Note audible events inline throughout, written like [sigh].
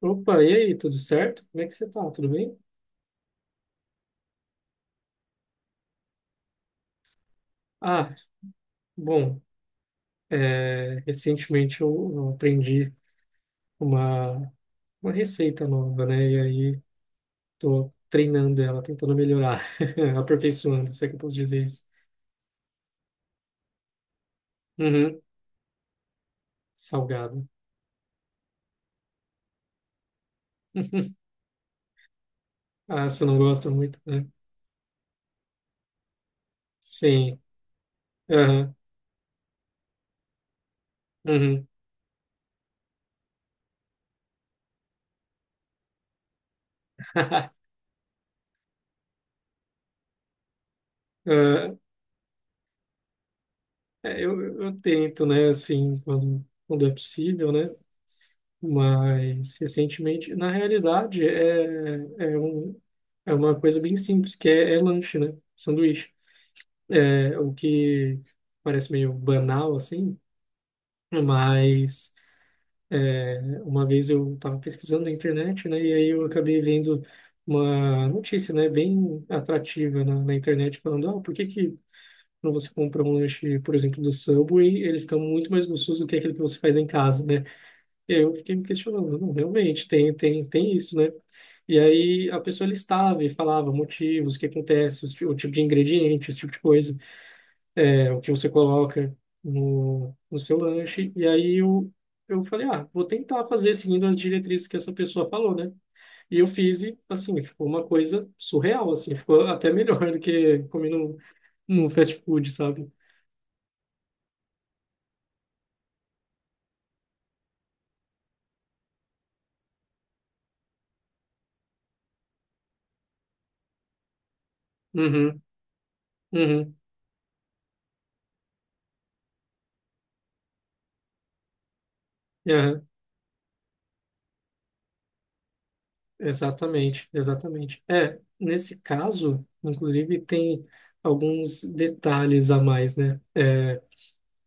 Opa, e aí, tudo certo? Como é que você tá? Tudo bem? Ah, bom, recentemente eu aprendi uma, uma receita nova, né? E aí tô treinando ela, tentando melhorar, [laughs] aperfeiçoando, se é que eu posso dizer isso. Uhum, salgado. [laughs] Ah, você não gosta muito, né? Sim. Aham, uhum. [laughs] Ah, eu tento, né, assim, quando é possível, né? Mas recentemente, na realidade, é, um, é uma coisa bem simples, que é lanche, né? Sanduíche. É o que parece meio banal, assim, mas uma vez eu estava pesquisando na internet, né? E aí eu acabei vendo uma notícia, né? Bem atrativa na internet, falando, ah, por que que quando você compra um lanche, por exemplo, do Subway, ele fica muito mais gostoso do que aquele que você faz em casa, né? E aí eu fiquei me questionando, não, realmente, tem isso, né? E aí a pessoa listava e falava motivos, o que acontece, o tipo de ingrediente, esse tipo de coisa, é, o que você coloca no seu lanche. E aí eu falei, ah, vou tentar fazer seguindo as diretrizes que essa pessoa falou, né? E eu fiz e, assim, ficou uma coisa surreal, assim, ficou até melhor [laughs] do que comer no fast food, sabe? Uhum, uhum, aham. Exatamente, exatamente. É, nesse caso, inclusive, tem alguns detalhes a mais, né? É,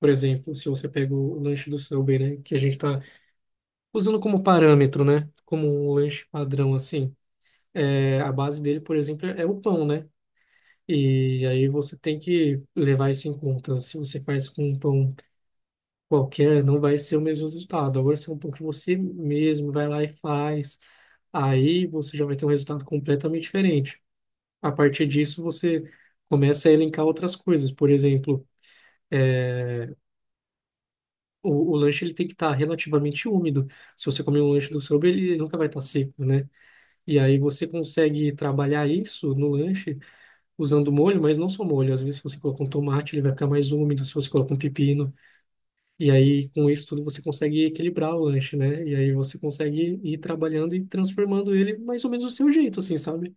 por exemplo, se você pega o lanche do Subway, né? Que a gente está usando como parâmetro, né? Como um lanche padrão, assim. É, a base dele, por exemplo, é o pão, né? E aí você tem que levar isso em conta. Se você faz com um pão qualquer, não vai ser o mesmo resultado. Agora, se é um pão que você mesmo vai lá e faz, aí você já vai ter um resultado completamente diferente. A partir disso, você começa a elencar outras coisas. Por exemplo, o lanche ele tem que estar relativamente úmido. Se você comer um lanche do seu, ele nunca vai estar seco, né? E aí você consegue trabalhar isso no lanche usando molho, mas não só molho. Às vezes, se você colocar um tomate, ele vai ficar mais úmido. Se você colocar um pepino, e aí com isso tudo você consegue equilibrar o lanche, né? E aí você consegue ir trabalhando e transformando ele mais ou menos do seu jeito, assim, sabe?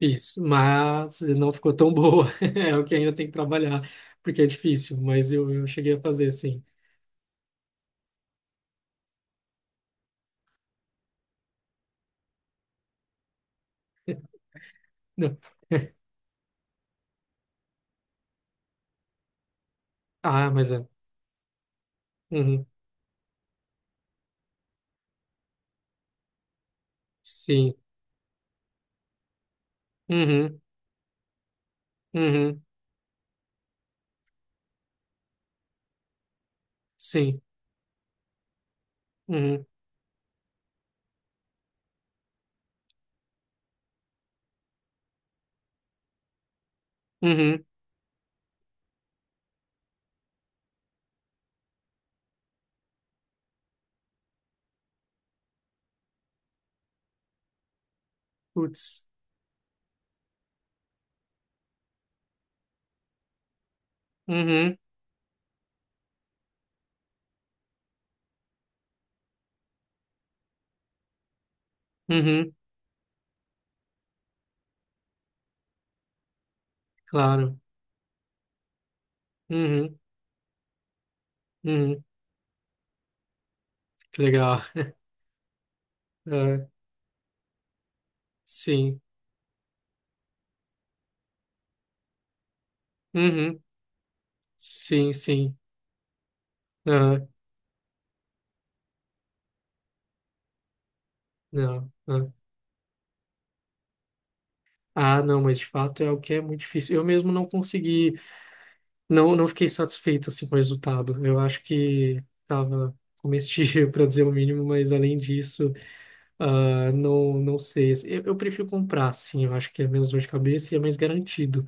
Fiz, mas não ficou tão boa. [laughs] É o que ainda tem que trabalhar, porque é difícil, mas eu cheguei a fazer, sim. Não. [laughs] Ah, mas é. Uhum. Sim. Uhum. Uhum. Sim. Uhum. Uhum. Putz. Uhum. Uhum. Claro. Uhum. Uhum. Que legal. [laughs] Ah, sim. Uhum. Sim, sim. Ah, não. Ah, ah, não, mas de fato é o que é muito difícil. Eu mesmo não consegui. Não, não fiquei satisfeito assim, com o resultado. Eu acho que estava comestível, [laughs] para dizer o mínimo, mas além disso, ah, não, não sei. Eu prefiro comprar, sim. Eu acho que é menos dor de cabeça e é mais garantido.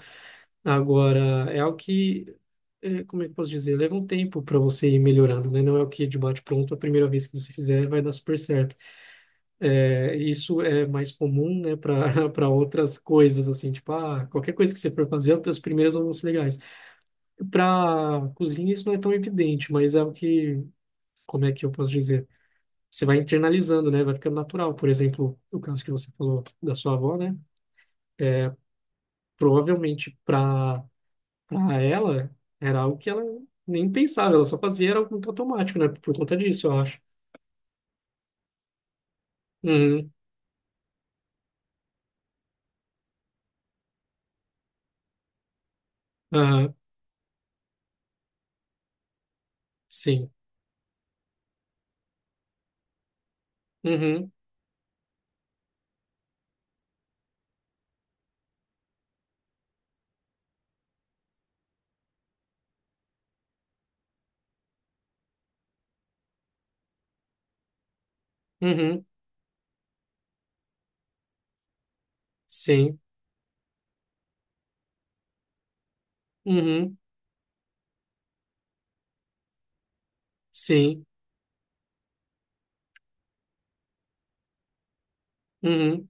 Agora, é algo que, como é que eu posso dizer? Leva um tempo para você ir melhorando, né? Não é o que de bate-pronto, a primeira vez que você fizer vai dar super certo. Isso é mais comum, né, para [laughs] para outras coisas, assim, tipo, ah, qualquer coisa que você for fazer, as primeiras não vão ser legais. Para cozinha isso não é tão evidente, mas é o que, como é que eu posso dizer? Você vai internalizando, né? Vai ficando natural. Por exemplo, o caso que você falou da sua avó, né? Provavelmente para ela era algo que ela nem pensava, ela só fazia era algo muito automático, né? Por conta disso, eu acho. Uhum, aham, sim. Uhum, uhum, sim. Uhum, sim. Uhum,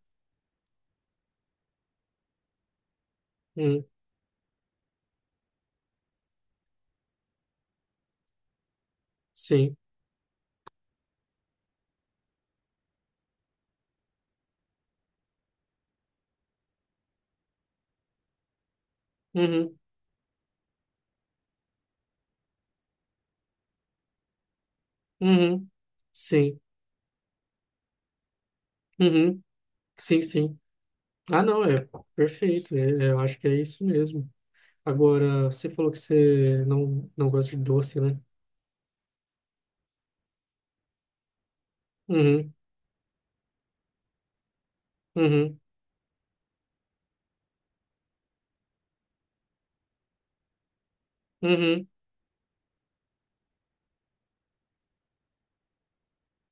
uhum, sim. Uhum, uhum, sim. Uhum, sim, sim. Ah, não, é perfeito. É, eu acho que é isso mesmo. Agora, você falou que você não, não gosta de doce, né? Uhum, uhum, uhum.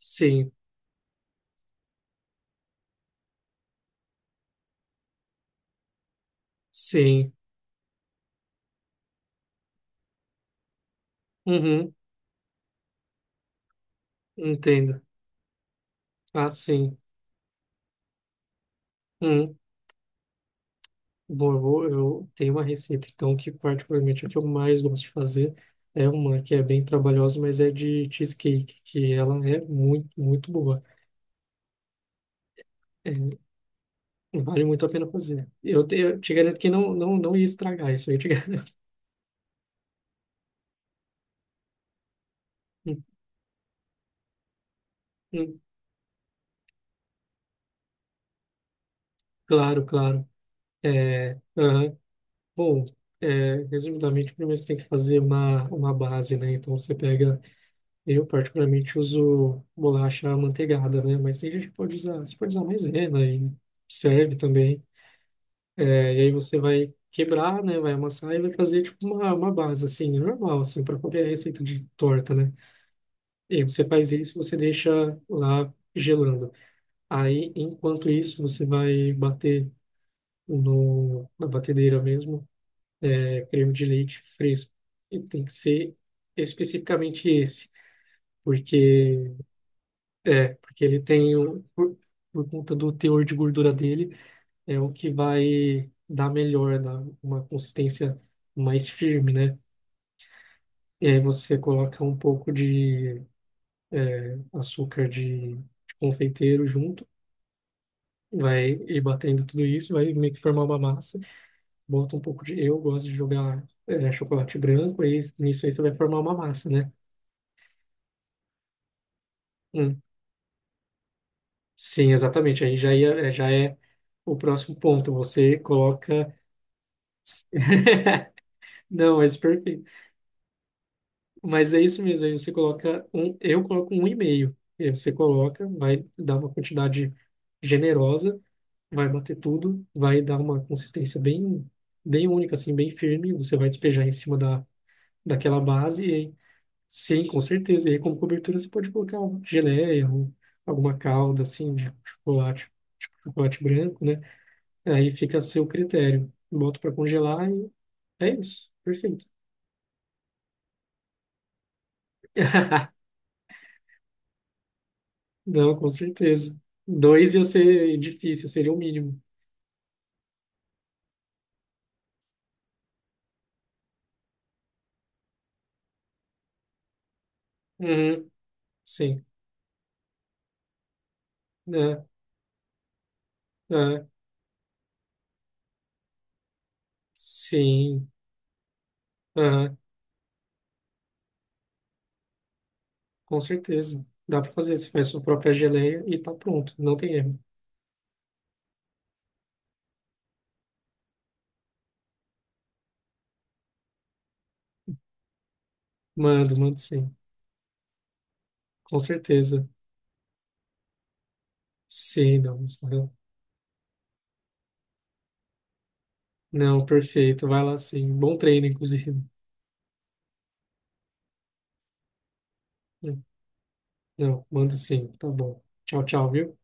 Sim, sim. Uhum, entendo. Ah, sim. Uhum. Bom, eu tenho uma receita, então, que particularmente é a que eu mais gosto de fazer, é uma que é bem trabalhosa, mas é de cheesecake, que ela é muito, muito boa. É, vale muito a pena fazer. Eu te garanto que não ia estragar isso aí, eu te garanto. [laughs] Hum, hum, claro, claro. É, aham. Bom, é, resumidamente, primeiro você tem que fazer uma base, né? Então você pega, eu particularmente uso bolacha amanteigada, né? Mas tem gente que pode usar, você pode usar maisena e serve também. É, e aí você vai quebrar, né? Vai amassar e vai fazer tipo uma base, assim, normal, assim, para qualquer receita de torta, né? E aí você faz isso, você deixa lá gelando. Aí, enquanto isso, você vai bater no, na batedeira mesmo creme de leite fresco. E tem que ser especificamente esse, porque porque ele tem por conta do teor de gordura dele, é o que vai dar melhor, dar uma consistência mais firme, né? E aí você coloca um pouco de açúcar de confeiteiro junto, vai ir batendo tudo isso, vai meio que formar uma massa. Bota um pouco de, eu gosto de jogar é, chocolate branco, aí nisso aí você vai formar uma massa, né? Um, sim, exatamente. Aí já ia, é, já é o próximo ponto. Você coloca. [laughs] Não, mas perfeito. Mas é isso mesmo. Aí você coloca um. Eu coloco um e-mail. E aí você coloca, vai dar uma quantidade generosa, vai bater tudo, vai dar uma consistência bem, bem única, assim, bem firme. Você vai despejar em cima daquela base. E aí, sim, com certeza. E aí, como cobertura, você pode colocar uma geleia, um, alguma calda, assim, de chocolate, tipo chocolate branco, né? Aí fica a seu critério. Boto para congelar e é isso. Perfeito. [laughs] Não, com certeza. Dois ia ser difícil, seria o mínimo. Uhum, sim. É, é, sim. Aham, com certeza. Dá para fazer. Você faz sua própria geleia e tá pronto. Não tem erro. Mando, mando sim. Com certeza. Sim, não. Aham. Não, perfeito. Vai lá sim. Bom treino, inclusive. Não, mando sim. Tá bom. Tchau, tchau, viu?